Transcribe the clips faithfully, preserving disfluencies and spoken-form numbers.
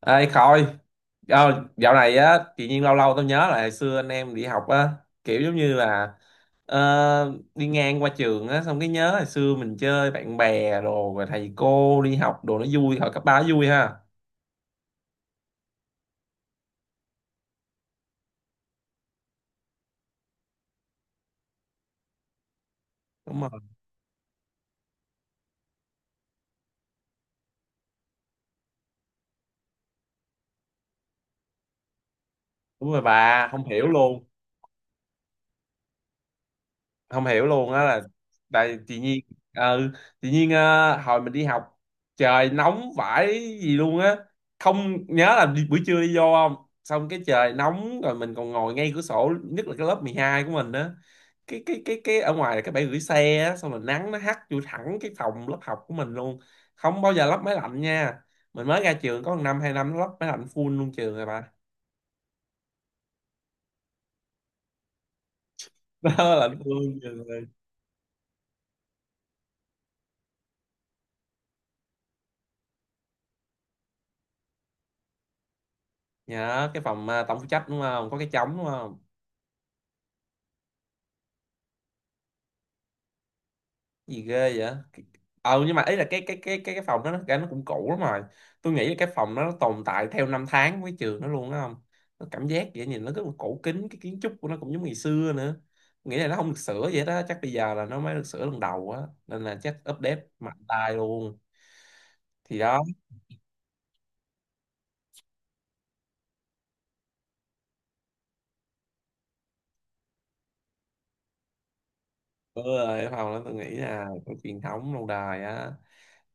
Ê Khôi, ờ, dạo này á, tự nhiên lâu lâu tao nhớ lại hồi xưa anh em đi học á, kiểu giống như là ờ, đi ngang qua trường á, xong cái nhớ hồi xưa mình chơi bạn bè đồ, rồi thầy cô đi học đồ nó vui, hồi cấp ba nó vui ha. Đúng rồi. Đúng rồi bà, không hiểu luôn. Không hiểu luôn á, là tại tự nhiên, ừ, tự nhiên, ờ, hồi mình đi học trời nóng vãi gì luôn á, không nhớ là đi, buổi trưa đi vô không, xong cái trời nóng rồi mình còn ngồi ngay cửa sổ, nhất là cái lớp mười hai của mình á, cái cái cái cái ở ngoài là cái bãi gửi xe á, xong rồi nắng nó hắt vô thẳng cái phòng lớp học của mình luôn, không bao giờ lắp máy lạnh nha. Mình mới ra trường có một năm hai năm nó lắp máy lạnh full luôn trường rồi bà. Đó, lạnh full luôn trường rồi. Nhớ cái phòng à, tổng phụ trách đúng không, có cái trống đúng không? Gì ghê vậy. Ờ nhưng mà ý là cái cái cái cái cái phòng đó nó, cái nó cũng cũ lắm rồi. Tôi nghĩ là cái phòng đó nó tồn tại theo năm tháng với trường nó luôn đó không, nó cảm giác vậy, nhìn nó rất là cổ kính, cái kiến trúc của nó cũng giống ngày xưa nữa. Tôi nghĩ là nó không được sửa vậy đó, chắc bây giờ là nó mới được sửa lần đầu á, nên là chắc update mạnh tay luôn. Thì đó. Ừ, cái phòng đó tôi nghĩ là có truyền thống lâu đời á.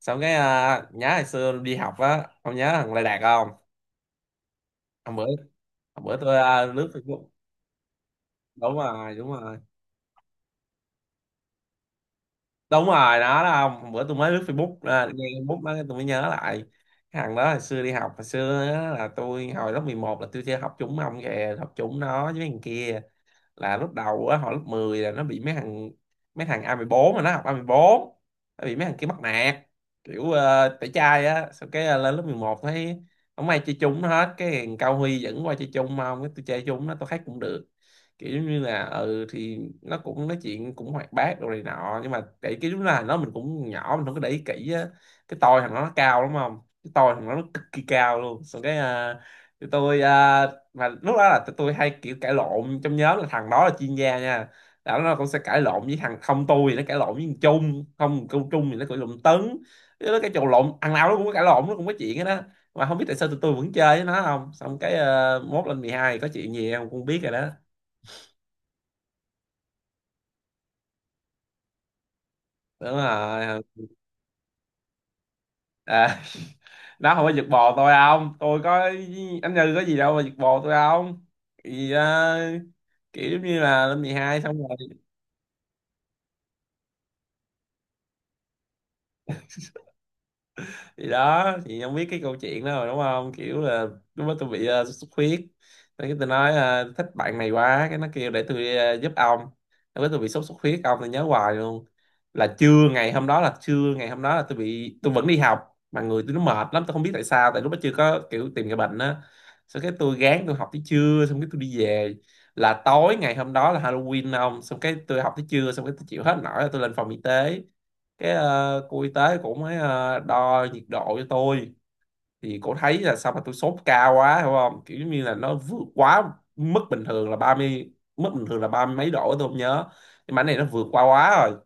Xong cái, à, nhớ hồi xưa đi học á, ông nhớ thằng Lê Đạt không? Hôm bữa hôm bữa tôi, à, lướt Facebook. Đúng rồi, đúng rồi, đúng rồi, nó đó không, bữa tôi mới lướt Facebook, à, nghe Facebook đó tôi mới nhớ lại. Cái thằng đó hồi xưa đi học, hồi xưa á, là tôi hồi lớp mười một là tôi chơi học chung ông kìa, học chung nó với thằng kia. Là lúc đầu á, hồi lớp mười là nó bị mấy thằng, mấy thằng a mười bốn, mà nó học a mười bốn, nó bị mấy thằng kia bắt nạt, kiểu uh, tẩy chay á. Sau cái, ờ, lên lớp mười một thấy không ai chơi chung nó hết, cái thằng Cao Huy dẫn qua chơi chung, mà không, cái tôi chơi chung nó tôi thấy cũng được. Kiểu giống như là, ừ thì nó cũng nói chuyện cũng hoạt bát đồ này nọ, nhưng mà để cái lúc là nó, mình cũng nhỏ mình không có để ý kỹ á. Cái tôi thằng đó nó cao lắm không, cái tôi thằng đó nó cực kỳ cao luôn. Xong cái, à, tụi tôi, à, mà lúc đó là tụi tôi hay kiểu cãi lộn trong nhóm, là thằng đó là chuyên gia nha. Là nó cũng sẽ cãi lộn với thằng không, tôi thì nó cãi lộn với thằng Trung không, câu Trung thì nó cãi lộn Tấn, nó cái trò lộn thằng nào nó cũng có cãi lộn, nó cũng có chuyện hết đó. Mà không biết tại sao tụi tôi vẫn chơi với nó không. Xong cái, ờ, mốt lên mười hai có chuyện gì không cũng biết rồi đó. Đúng rồi. à, nó không có giật bò tôi không, tôi có anh Như có gì đâu mà giật bò tôi không. Thì ờ, kiểu giống như là lên mười hai xong rồi. Thì đó, thì không biết cái câu chuyện đó rồi đúng không, kiểu là lúc đó tôi bị ờ, sốt xuất huyết. Thế cái tôi nói ờ, thích bạn này quá, cái nó kêu để tôi ờ, giúp ông. Lúc đó tôi bị sốt xuất huyết ông, tôi nhớ hoài luôn. Là trưa ngày hôm đó, là trưa ngày hôm đó là tôi bị, tôi vẫn đi học mà người tôi nó mệt lắm, tôi không biết tại sao, tại lúc đó chưa có kiểu tìm cái bệnh á. Xong cái tôi gán tôi học tới trưa, xong cái tôi đi về, là tối ngày hôm đó là Halloween ông. Xong cái tôi học tới trưa, xong cái tôi chịu hết nổi là tôi lên phòng y tế. Cái, ờ, cô y tế cũng mới ờ, đo nhiệt độ cho tôi. Thì cô thấy là sao mà tôi sốt cao quá hiểu không, kiểu như là nó vượt quá mức bình thường là ba mươi, mức bình thường là ba mươi mấy độ tôi không nhớ, nhưng mà cái này nó vượt qua quá rồi.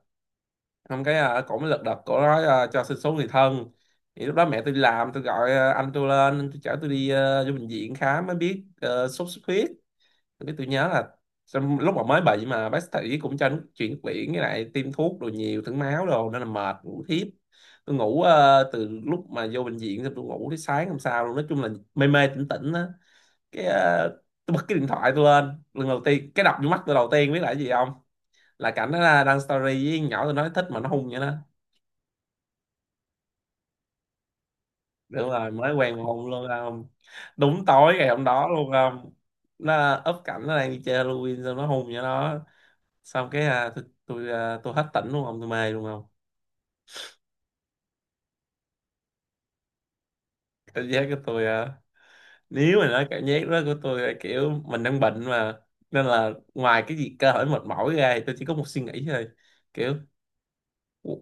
Xong cái, ờ, cổ mới lật đật, cổ nói, ờ, cho xin số người thân. Thì lúc đó mẹ tôi đi làm, tôi gọi ờ, anh tôi lên, tôi chở tôi đi ờ, vô bệnh viện khám mới biết ờ, sốt xuất huyết. Tôi tôi nhớ là xong lúc mà mới bệnh mà bác sĩ cũng cho nước chuyển quyển với lại tiêm thuốc đồ, nhiều thử máu đồ, nên là mệt ngủ thiếp. Tôi ngủ ờ, từ lúc mà vô bệnh viện xong tôi ngủ tới sáng hôm sau luôn, nói chung là mê mê tỉnh tỉnh á. Cái, ờ, tôi bật cái điện thoại tôi lên lần đầu tiên, cái đập vô mắt tôi đầu tiên biết là cái gì không? Là cảnh đó là đăng story với con nhỏ tôi nói thích, mà nó hung vậy đó. Đúng rồi, mới quen mà hung luôn không. Đúng tối ngày hôm đó luôn không. Nó up cảnh nó đang đi chơi Halloween, xong nó hung vậy đó. Xong cái, à, tôi tôi à, tôi hết tỉnh luôn không, tôi mê luôn không. Cảm giác của tôi à, nếu mà nói cảm giác đó của tôi là kiểu mình đang bệnh mà, nên là ngoài cái gì cơ thể mệt mỏi ra thì tôi chỉ có một suy nghĩ thôi, kiểu "Ủa,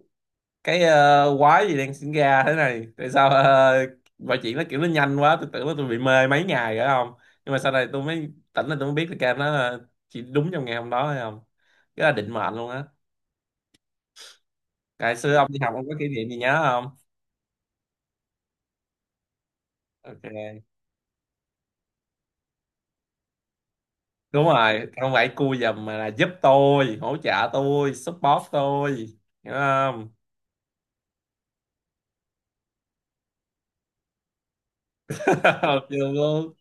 cái à, quái gì đang sinh ra thế này, tại sao à, mọi chuyện nó kiểu nó nhanh quá, tôi tưởng là tôi bị mê mấy ngày rồi không, nhưng mà sau này tôi mới tỉnh là tôi mới biết là cái nó à, chỉ đúng trong ngày hôm đó thôi không, cái là định mệnh luôn á. Ngày xưa ông đi học ông có kỷ niệm gì nhớ không? Ok. Đúng rồi, không phải cua giùm mà là giúp tôi, hỗ trợ tôi, support tôi, hiểu không. Ok luôn.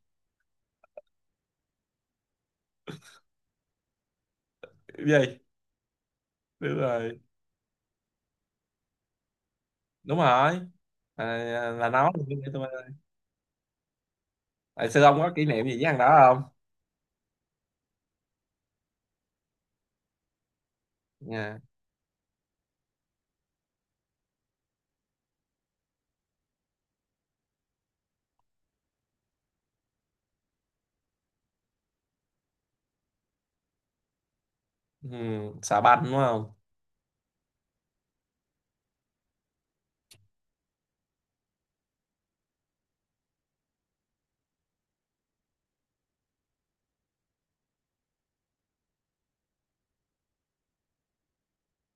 Cái gì? Đúng rồi, đúng rồi, à, là nó. Tại sư ông có kỷ niệm gì với thằng đó không? Nha. Ừ, xà banh đúng không.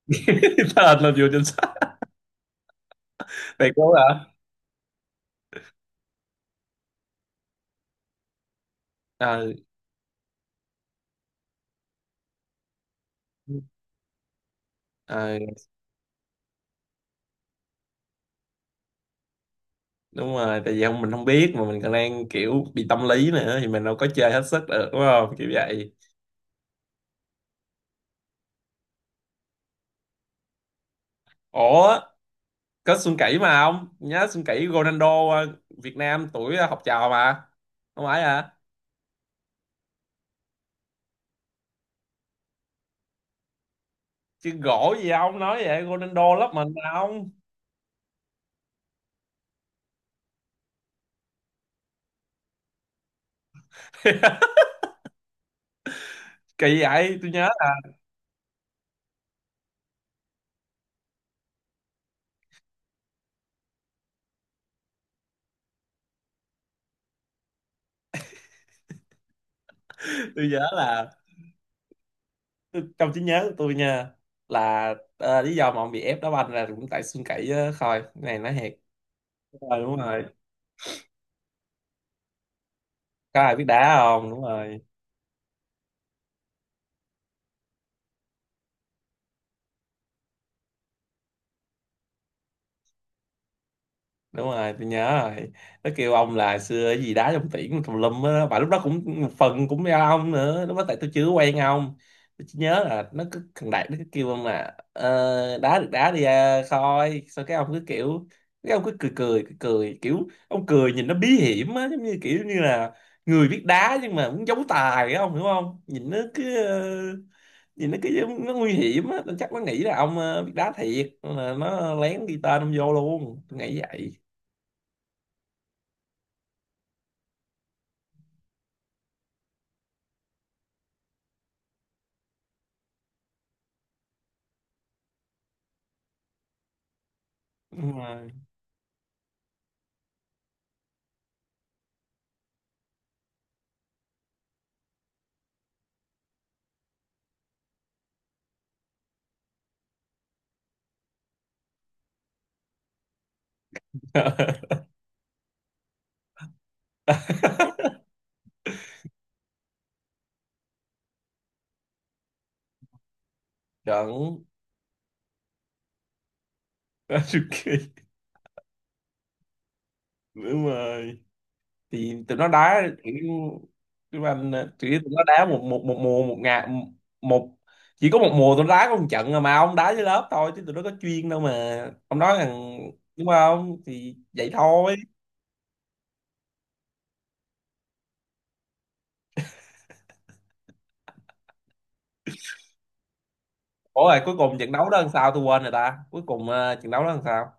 Tên là vừa trên sách, thầy cố hả? Ờ, ờ, đúng rồi, tại vì không mình không biết, mà mình còn đang kiểu bị tâm lý nữa thì mình đâu có chơi hết sức được đúng không, kiểu vậy. Ủa, có Xuân Kỷ mà, ông nhớ Xuân Kỷ Ronaldo ờ, Việt Nam tuổi ờ, học trò mà. Không phải hả? Chứ gỗ gì ông nói vậy, Ronaldo lớp mình mà ông. Kỳ vậy, tôi nhớ. Tôi nhớ là tôi, trong trí nhớ của tôi nha, là ờ, lý do mà ông bị ép đá banh là cũng tại Xuân Kỷ á, thôi cái này nói thiệt. Đúng rồi, đúng rồi. Có ai biết đá không, đúng rồi, đúng rồi, tôi nhớ rồi. Nó kêu ông là xưa cái gì đá trong tiễn tùm lum á, mà lúc đó cũng một phần cũng do ông nữa, lúc đó tại tôi chưa quen ông. Tôi chỉ nhớ là nó cứ, thằng Đạt nó cứ kêu ông là ờ, đá được đá đi à, Khôi. Sao cái ông cứ kiểu, cái ông cứ cười cười cười cười, kiểu ông cười nhìn nó bí hiểm á, giống như kiểu như là người biết đá nhưng mà muốn giấu tài á, ông hiểu không. Nhìn nó cứ ờ, nhìn nó cứ giống- nó nguy hiểm á, tôi chắc nó nghĩ là ông ờ, biết đá thiệt, nên là nó lén ghi tên ông vô luôn, tôi nghĩ vậy. Đúng rồi. Trận. Ok, đúng rồi. Thì tụi nó đá kiểu, tụi anh, tụi, tụi nó đá một một một mùa một ngày, một, chỉ có một mùa tụi nó đá có một trận rồi, mà ông đá với lớp thôi chứ tụi nó có chuyên đâu mà. Ông nói rằng đúng không, thì vậy thôi. Ủa rồi cuối cùng trận đấu đó làm sao, tôi quên rồi ta, cuối cùng ờ, trận đấu đó làm sao.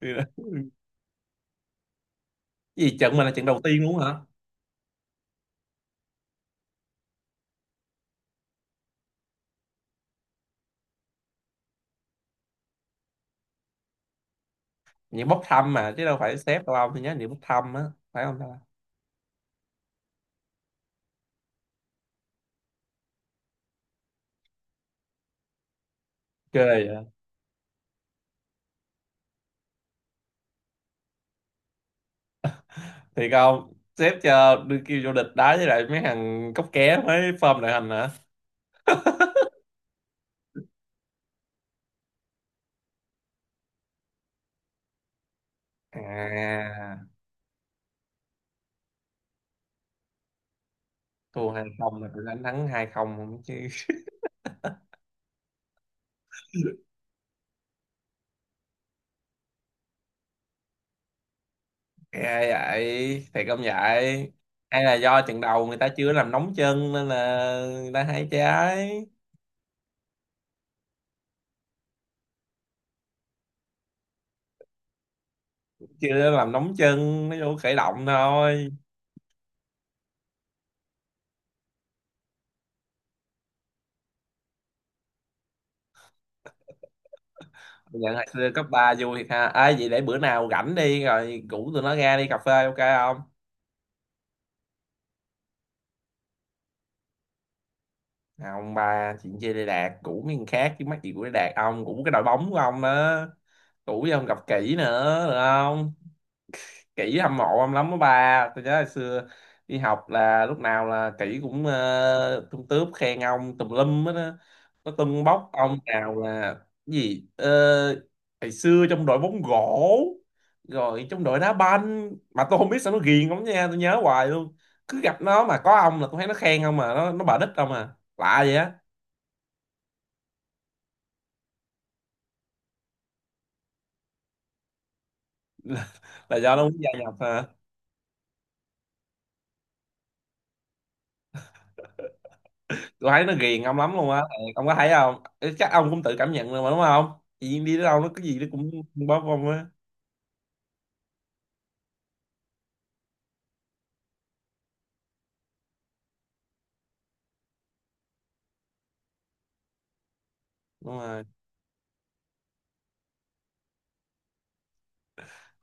Thì là- Cái gì, trận mà là trận đầu tiên luôn hả? Những bốc thăm mà, chứ đâu phải xếp đâu ông, tôi nhớ những bốc thăm á, phải không ta? Ok, thì không, sếp cho đưa kêu vô địch đá với lại mấy thằng cóc ké mới form đội hình hả? À, thua hai không là tụi đánh thắng hai không không chứ. Ghê vậy, thiệt không vậy? Hay là do trận đầu người ta chưa làm nóng chân nên là người ta hay trái. Chưa làm nóng chân nó vô khởi động thôi. Nhận hồi xưa cấp ba vui thiệt ha. À, vậy để bữa nào rảnh đi, rồi rủ tụi nó ra đi cà phê ok không? À, ông ba chuyện chơi Đê Đạt cũ miếng khác chứ, mắc gì của Đê Đạt, ông cũ cái đội bóng của ông á, cũ với ông gặp kỹ nữa được không. Kỹ hâm mộ ông lắm đó ba, tôi nhớ hồi xưa đi học là lúc nào là kỹ cũng ờ, tung tướp khen ông tùm lum hết á, nó tưng bốc ông nào là cái gì ờ, hồi xưa trong đội bóng gỗ, rồi trong đội đá banh mà tôi không biết sao nó ghiền ông nha, tôi nhớ hoài luôn. Cứ gặp nó mà có ông là tôi thấy nó khen ông, mà nó nó bà đích ông à, lạ vậy á. Là do nó muốn gia nhập hả? Tôi thấy nó ghiền ông lắm luôn á. Ờ, ông có thấy không? Ê, chắc ông cũng tự cảm nhận rồi mà đúng không. Chị Duyên đi đến đâu nó cái gì nó cũng bóp ông á. Đúng rồi.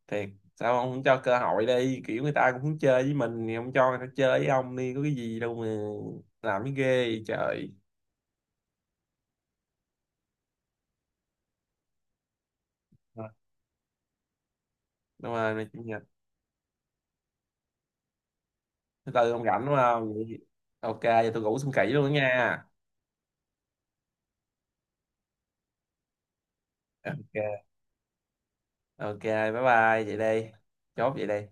Thiệt? Sao ông không cho cơ hội đi, kiểu người ta cũng muốn chơi với mình thì ông cho người ta chơi với ông đi, có cái gì đâu mà làm cái ghê vậy trời. Rồi. Đúng rồi mày, chủ nhật. Thứ tư ông rảnh đúng không? Vậy thì- Ok, giờ tôi ngủ, xong kỹ luôn đó nha. Ok. Ok, bye bye vậy đây, chốt vậy đây.